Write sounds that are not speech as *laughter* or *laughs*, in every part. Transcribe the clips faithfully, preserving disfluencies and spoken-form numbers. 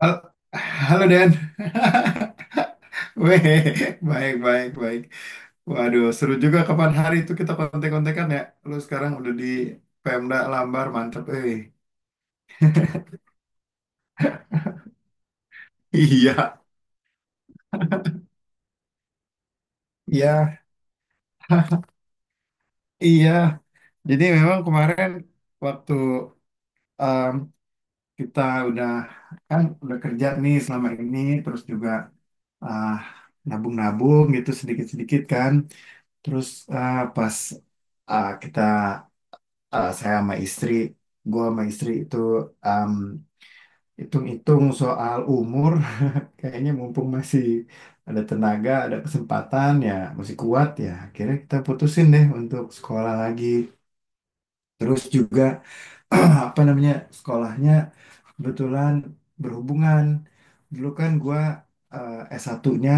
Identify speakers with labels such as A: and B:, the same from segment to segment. A: Hal- Halo Dan. *laughs* Weh, baik, baik, baik. Waduh, seru juga kapan hari itu kita kontek-kontekan ya. Lu sekarang udah di Pemda Lambar, mantep. Eh. *laughs* Iya, iya, iya. Jadi memang kemarin waktu em, kita udah kan udah kerja nih selama ini, terus juga ah, nabung-nabung gitu sedikit-sedikit kan. Terus ah, pas ah, kita eh, saya sama istri, gue sama istri itu em, hitung-hitung soal umur, *laughs* kayaknya mumpung masih ada tenaga, ada kesempatan ya, masih kuat ya. Akhirnya kita putusin deh untuk sekolah lagi. Terus juga *clears throat* apa namanya sekolahnya kebetulan berhubungan. Dulu kan gue es satunya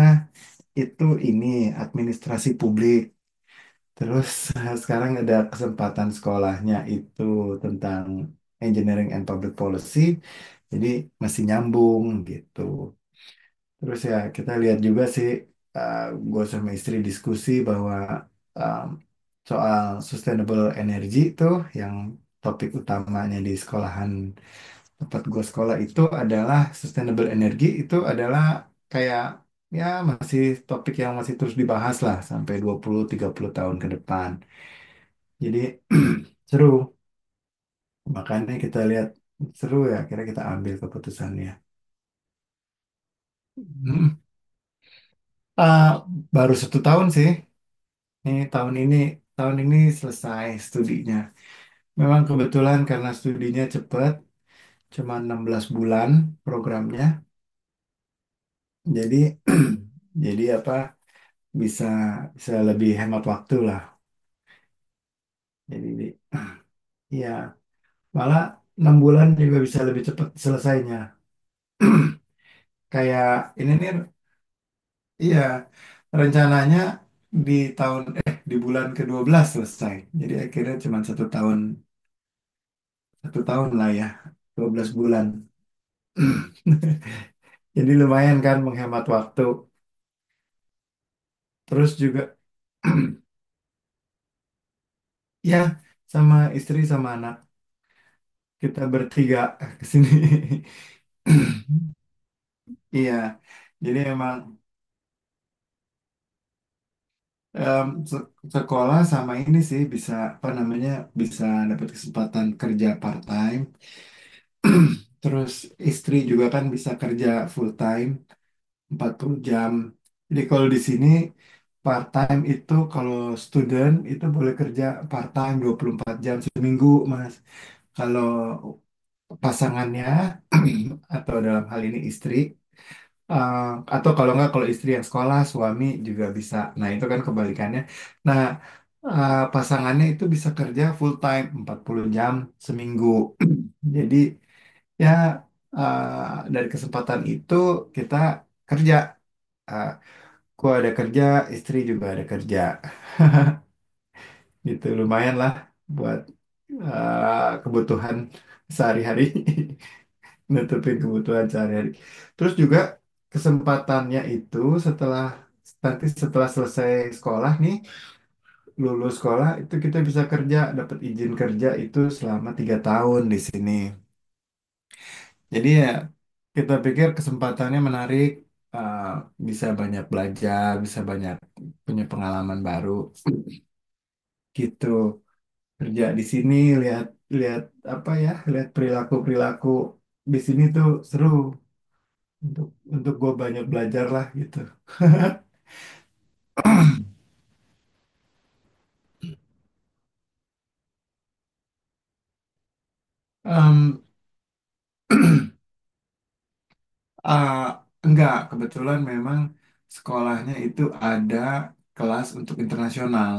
A: itu ini administrasi publik. Terus *laughs* sekarang ada kesempatan sekolahnya itu tentang Engineering and Public Policy, jadi masih nyambung gitu. Terus ya kita lihat juga sih, eh gue sama istri diskusi bahwa em, soal sustainable energy itu yang topik utamanya di sekolahan tempat gue sekolah itu adalah sustainable energy itu adalah kayak ya masih topik yang masih terus dibahas lah sampai dua puluh tiga puluh tahun ke depan. Jadi seru. Makanya kita lihat seru ya, akhirnya kita ambil keputusannya. Hmm. Ah, Baru satu tahun sih. Ini tahun ini tahun ini selesai studinya. Memang kebetulan karena studinya cepat, cuma enam belas bulan programnya. Jadi *clears throat* jadi apa bisa bisa lebih hemat waktu lah. Jadi di- ya malah enam bulan juga bisa lebih cepat selesainya. *clears throat* Kayak ini nih, iya rencananya di tahun eh di bulan ke belas selesai. Jadi akhirnya cuma satu tahun, satu tahun lah ya, dua belas bulan. *clears throat* Jadi lumayan kan menghemat waktu. Terus juga *clears throat* ya sama istri sama anak kita bertiga *laughs* ke sini. *clears throat* Iya. Jadi emang em, se- sekolah sama ini sih bisa, apa namanya, bisa dapat kesempatan kerja part time. *clears throat* Terus istri juga kan bisa kerja full time. empat puluh jam. Jadi kalau di sini part time itu kalau student itu boleh kerja part time dua puluh empat jam seminggu, Mas. Kalau pasangannya *clears throat* atau dalam hal ini istri, eh, atau kalau nggak, kalau istri yang sekolah, suami juga bisa. Nah, itu kan kebalikannya. Nah, eh, pasangannya itu bisa kerja full time empat puluh jam seminggu. *clears throat* Jadi ya, eh, dari kesempatan itu kita kerja Eh, Gua ada kerja, istri juga ada kerja. Gitu lumayan lah buat eh, kebutuhan sehari-hari, *laughs* nutupin kebutuhan sehari-hari. Terus juga kesempatannya itu setelah nanti setelah selesai sekolah nih, lulus sekolah itu kita bisa kerja, dapat izin kerja itu selama tiga tahun di sini. Jadi ya kita pikir kesempatannya menarik, eh, bisa banyak belajar, bisa banyak punya pengalaman baru gitu. Kerja di sini, lihat lihat apa ya, lihat perilaku perilaku di sini tuh seru untuk untuk gue banyak belajar lah gitu. Em, ah, enggak, kebetulan memang sekolahnya itu ada kelas untuk internasional.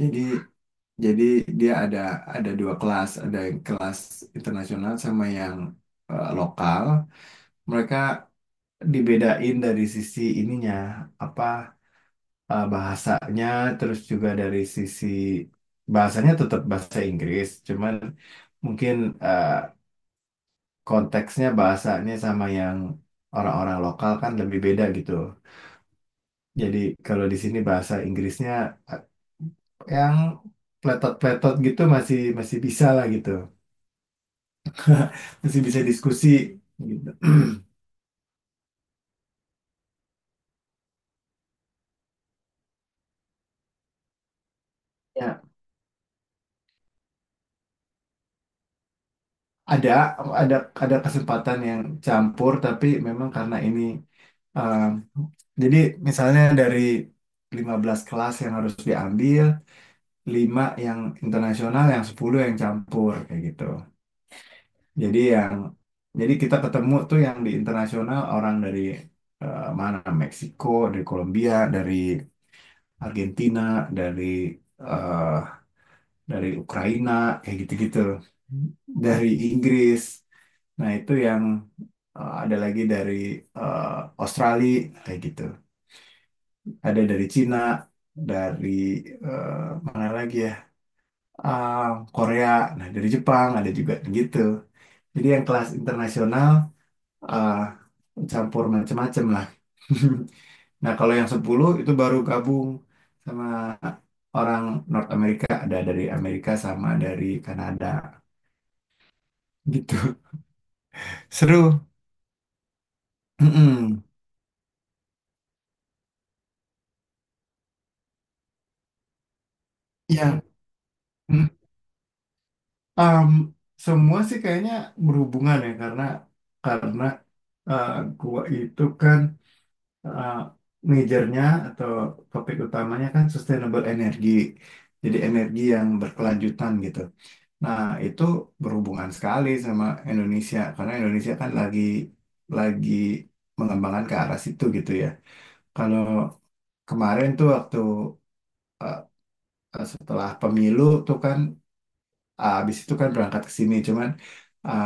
A: Jadi jadi dia ada ada dua kelas, ada yang kelas internasional sama yang eh, lokal. Mereka dibedain dari sisi ininya, apa, eh, bahasanya, terus juga dari sisi bahasanya tetap bahasa Inggris cuman mungkin eh, konteksnya bahasanya sama yang orang-orang lokal kan lebih beda gitu. Jadi kalau di sini bahasa Inggrisnya eh, yang pletot-pletot gitu masih masih bisa lah gitu, *laughs* masih bisa diskusi gitu. *clears throat* Ya, ada ada ada kesempatan yang campur tapi memang karena ini, Um, jadi misalnya dari lima belas kelas yang harus diambil, lima yang internasional, yang sepuluh yang campur kayak gitu. Jadi yang jadi kita ketemu tuh yang di internasional orang dari, eh, mana? Meksiko, dari Kolombia, dari Argentina, dari, eh, dari Ukraina kayak gitu-gitu. Dari Inggris. Nah, itu yang eh, ada lagi dari eh, Australia kayak gitu. Ada dari Cina, dari, eh, mana lagi ya? Ah, Korea, nah dari Jepang ada juga gitu. Jadi yang kelas internasional ah, campur macem-macem lah. *laughs* Nah, kalau yang sepuluh itu baru gabung sama orang North America, ada dari Amerika sama dari Kanada gitu. *laughs* Seru. Mm-mm. Ya, mm, um, semua sih kayaknya berhubungan ya, karena karena eh, gua itu kan uh, majornya atau topik utamanya kan sustainable energy. Jadi energi yang berkelanjutan gitu. Nah, itu berhubungan sekali sama Indonesia karena Indonesia kan lagi lagi mengembangkan ke arah situ gitu ya. Kalau kemarin tuh waktu uh, setelah pemilu tuh kan, uh, habis itu kan berangkat ke sini cuman uh,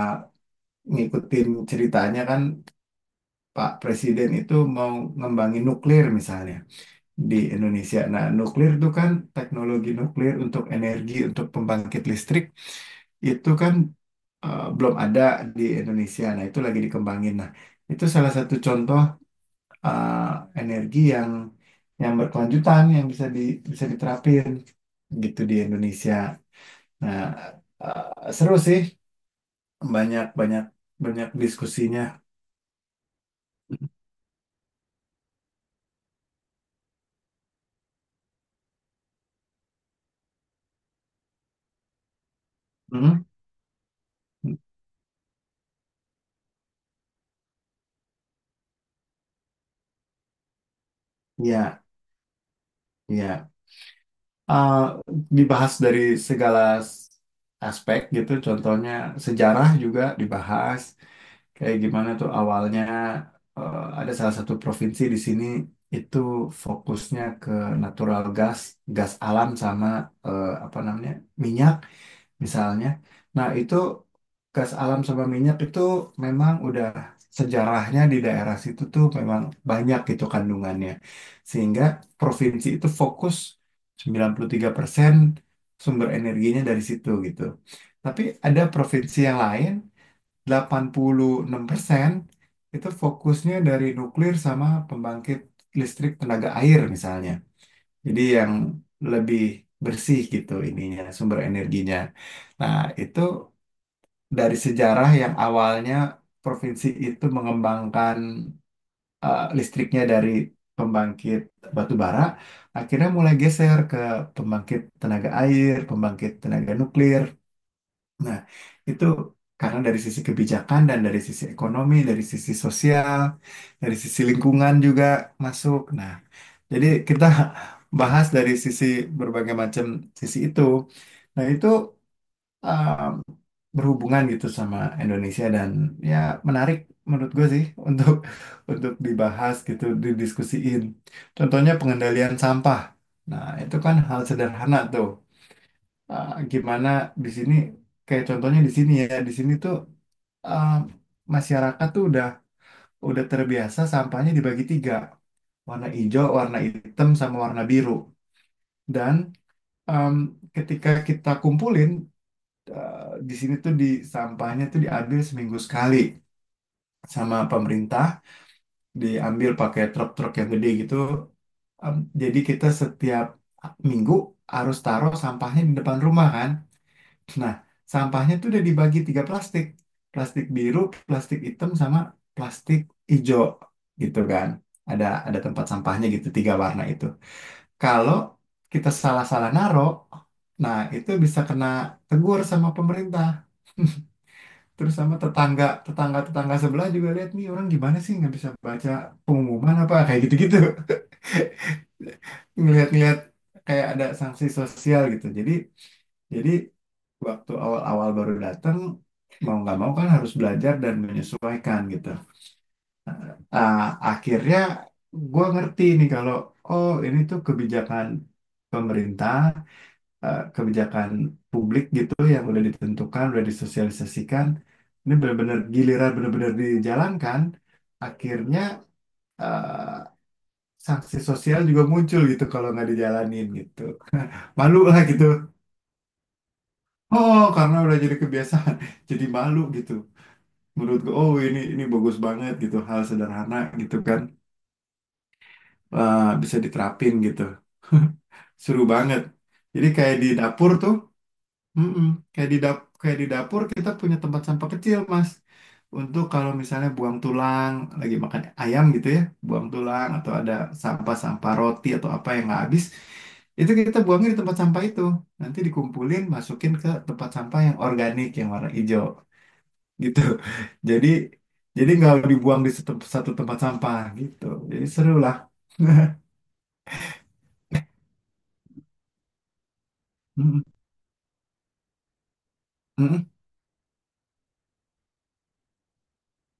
A: ngikutin ceritanya kan, Pak Presiden itu mau ngembangin nuklir misalnya di Indonesia. Nah, nuklir itu kan teknologi nuklir untuk energi, untuk pembangkit listrik itu kan eh, belum ada di Indonesia. Nah, itu lagi dikembangin. Nah, itu salah satu contoh eh, energi yang yang berkelanjutan yang bisa di, bisa diterapin gitu di Indonesia. Nah, eh, seru sih, banyak banyak banyak diskusinya. Hmm. Ya. Iya. eh, Dibahas dari segala s- aspek gitu. Contohnya sejarah juga dibahas, kayak gimana tuh awalnya eh, ada salah satu provinsi di sini itu fokusnya ke natural gas, gas alam sama, eh, apa namanya, minyak misalnya. Nah, itu gas alam sama minyak itu memang udah sejarahnya di daerah situ tuh memang banyak gitu kandungannya. Sehingga provinsi itu fokus sembilan puluh tiga persen sumber energinya dari situ gitu. Tapi ada provinsi yang lain delapan puluh enam persen itu fokusnya dari nuklir sama pembangkit listrik tenaga air misalnya. Jadi yang lebih bersih gitu ininya, sumber energinya. Nah, itu dari sejarah yang awalnya provinsi itu mengembangkan eh, listriknya dari pembangkit batu bara, akhirnya mulai geser ke pembangkit tenaga air, pembangkit tenaga nuklir. Nah, itu karena dari sisi kebijakan dan dari sisi ekonomi, dari sisi sosial, dari sisi lingkungan juga masuk. Nah, jadi kita *laughs* bahas dari sisi berbagai macam sisi itu. Nah, itu uh, berhubungan gitu sama Indonesia, dan ya menarik menurut gue sih *laughs* untuk untuk dibahas gitu, didiskusiin. Contohnya pengendalian sampah. Nah, itu kan hal sederhana tuh, uh, gimana di sini, kayak contohnya di sini ya, di sini tuh uh, masyarakat tuh udah udah terbiasa sampahnya dibagi tiga, warna hijau, warna hitam sama warna biru. Dan um, ketika kita kumpulin uh, di sini tuh di sampahnya tuh diambil seminggu sekali sama pemerintah, diambil pakai truk-truk yang gede gitu. Um, jadi kita setiap minggu harus taruh sampahnya di depan rumah kan. Nah, sampahnya tuh udah dibagi tiga plastik. Plastik biru, plastik hitam, sama plastik hijau gitu kan. Ada ada tempat sampahnya gitu, tiga warna itu. Kalau kita salah-salah naro, nah itu bisa kena tegur sama pemerintah. *laughs* Terus sama tetangga, tetangga-tetangga sebelah juga lihat, nih orang gimana sih, nggak bisa baca pengumuman apa, kayak gitu-gitu. *laughs* Ngelihat-ngelihat kayak ada sanksi sosial gitu. Jadi jadi waktu awal-awal baru datang mau nggak mau kan harus belajar dan menyesuaikan gitu. Ah, Akhirnya gue ngerti nih kalau oh ini tuh kebijakan pemerintah, eh, kebijakan publik gitu yang udah ditentukan, udah disosialisasikan. Ini benar-benar giliran benar-benar dijalankan. Akhirnya eh, sanksi sosial juga muncul gitu kalau nggak dijalanin gitu. Malu lah gitu. Oh, karena udah jadi kebiasaan, *laughs* jadi malu gitu. Menurutku oh ini ini bagus banget gitu, hal sederhana gitu kan eh, bisa diterapin gitu. *laughs* Seru banget, jadi kayak di dapur tuh, mm-mm, kayak di dap kayak di dapur kita punya tempat sampah kecil, Mas, untuk kalau misalnya buang tulang, lagi makan ayam gitu ya, buang tulang atau ada sampah-sampah roti atau apa yang nggak habis, itu kita buangnya di tempat sampah itu, nanti dikumpulin, masukin ke tempat sampah yang organik yang warna hijau gitu. Jadi jadi nggak dibuang di satu, satu tempat sampah gitu. Jadi seru lah. *laughs* Mm-mm.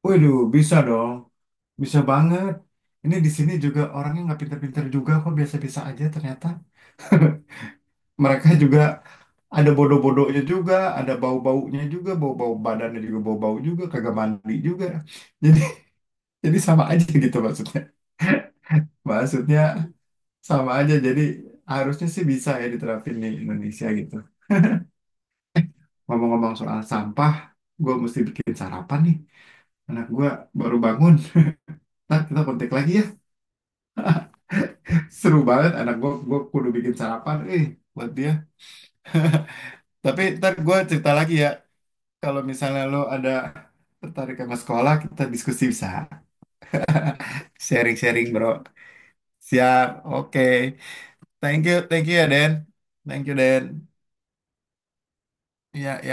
A: Waduh, bisa dong. Bisa banget. Ini di sini juga orangnya nggak pinter-pinter juga kok, biasa-biasa aja ternyata. *laughs* Mereka juga ada bodoh-bodohnya juga, ada bau-baunya juga, bau-bau badannya juga, bau-bau juga, kagak mandi juga. *laughs* Jadi jadi sama aja gitu maksudnya. Maksudnya sama aja. Jadi harusnya sih bisa ya diterapin di Indonesia gitu. Ngomong-ngomong soal sampah, gue mesti bikin sarapan nih. Anak gue baru bangun. Nah, kita kontak lagi ya. *laughs* Seru banget anak gue. Gue kudu bikin sarapan. Eh, buat dia. *laughs* Tapi ntar gue cerita lagi ya. Kalau misalnya lo ada tertarik sama sekolah, kita diskusi bisa. Sharing-sharing, bro. Siap. Oke. Thank you. Thank you ya, Den. Thank you, Den. Ya, ya.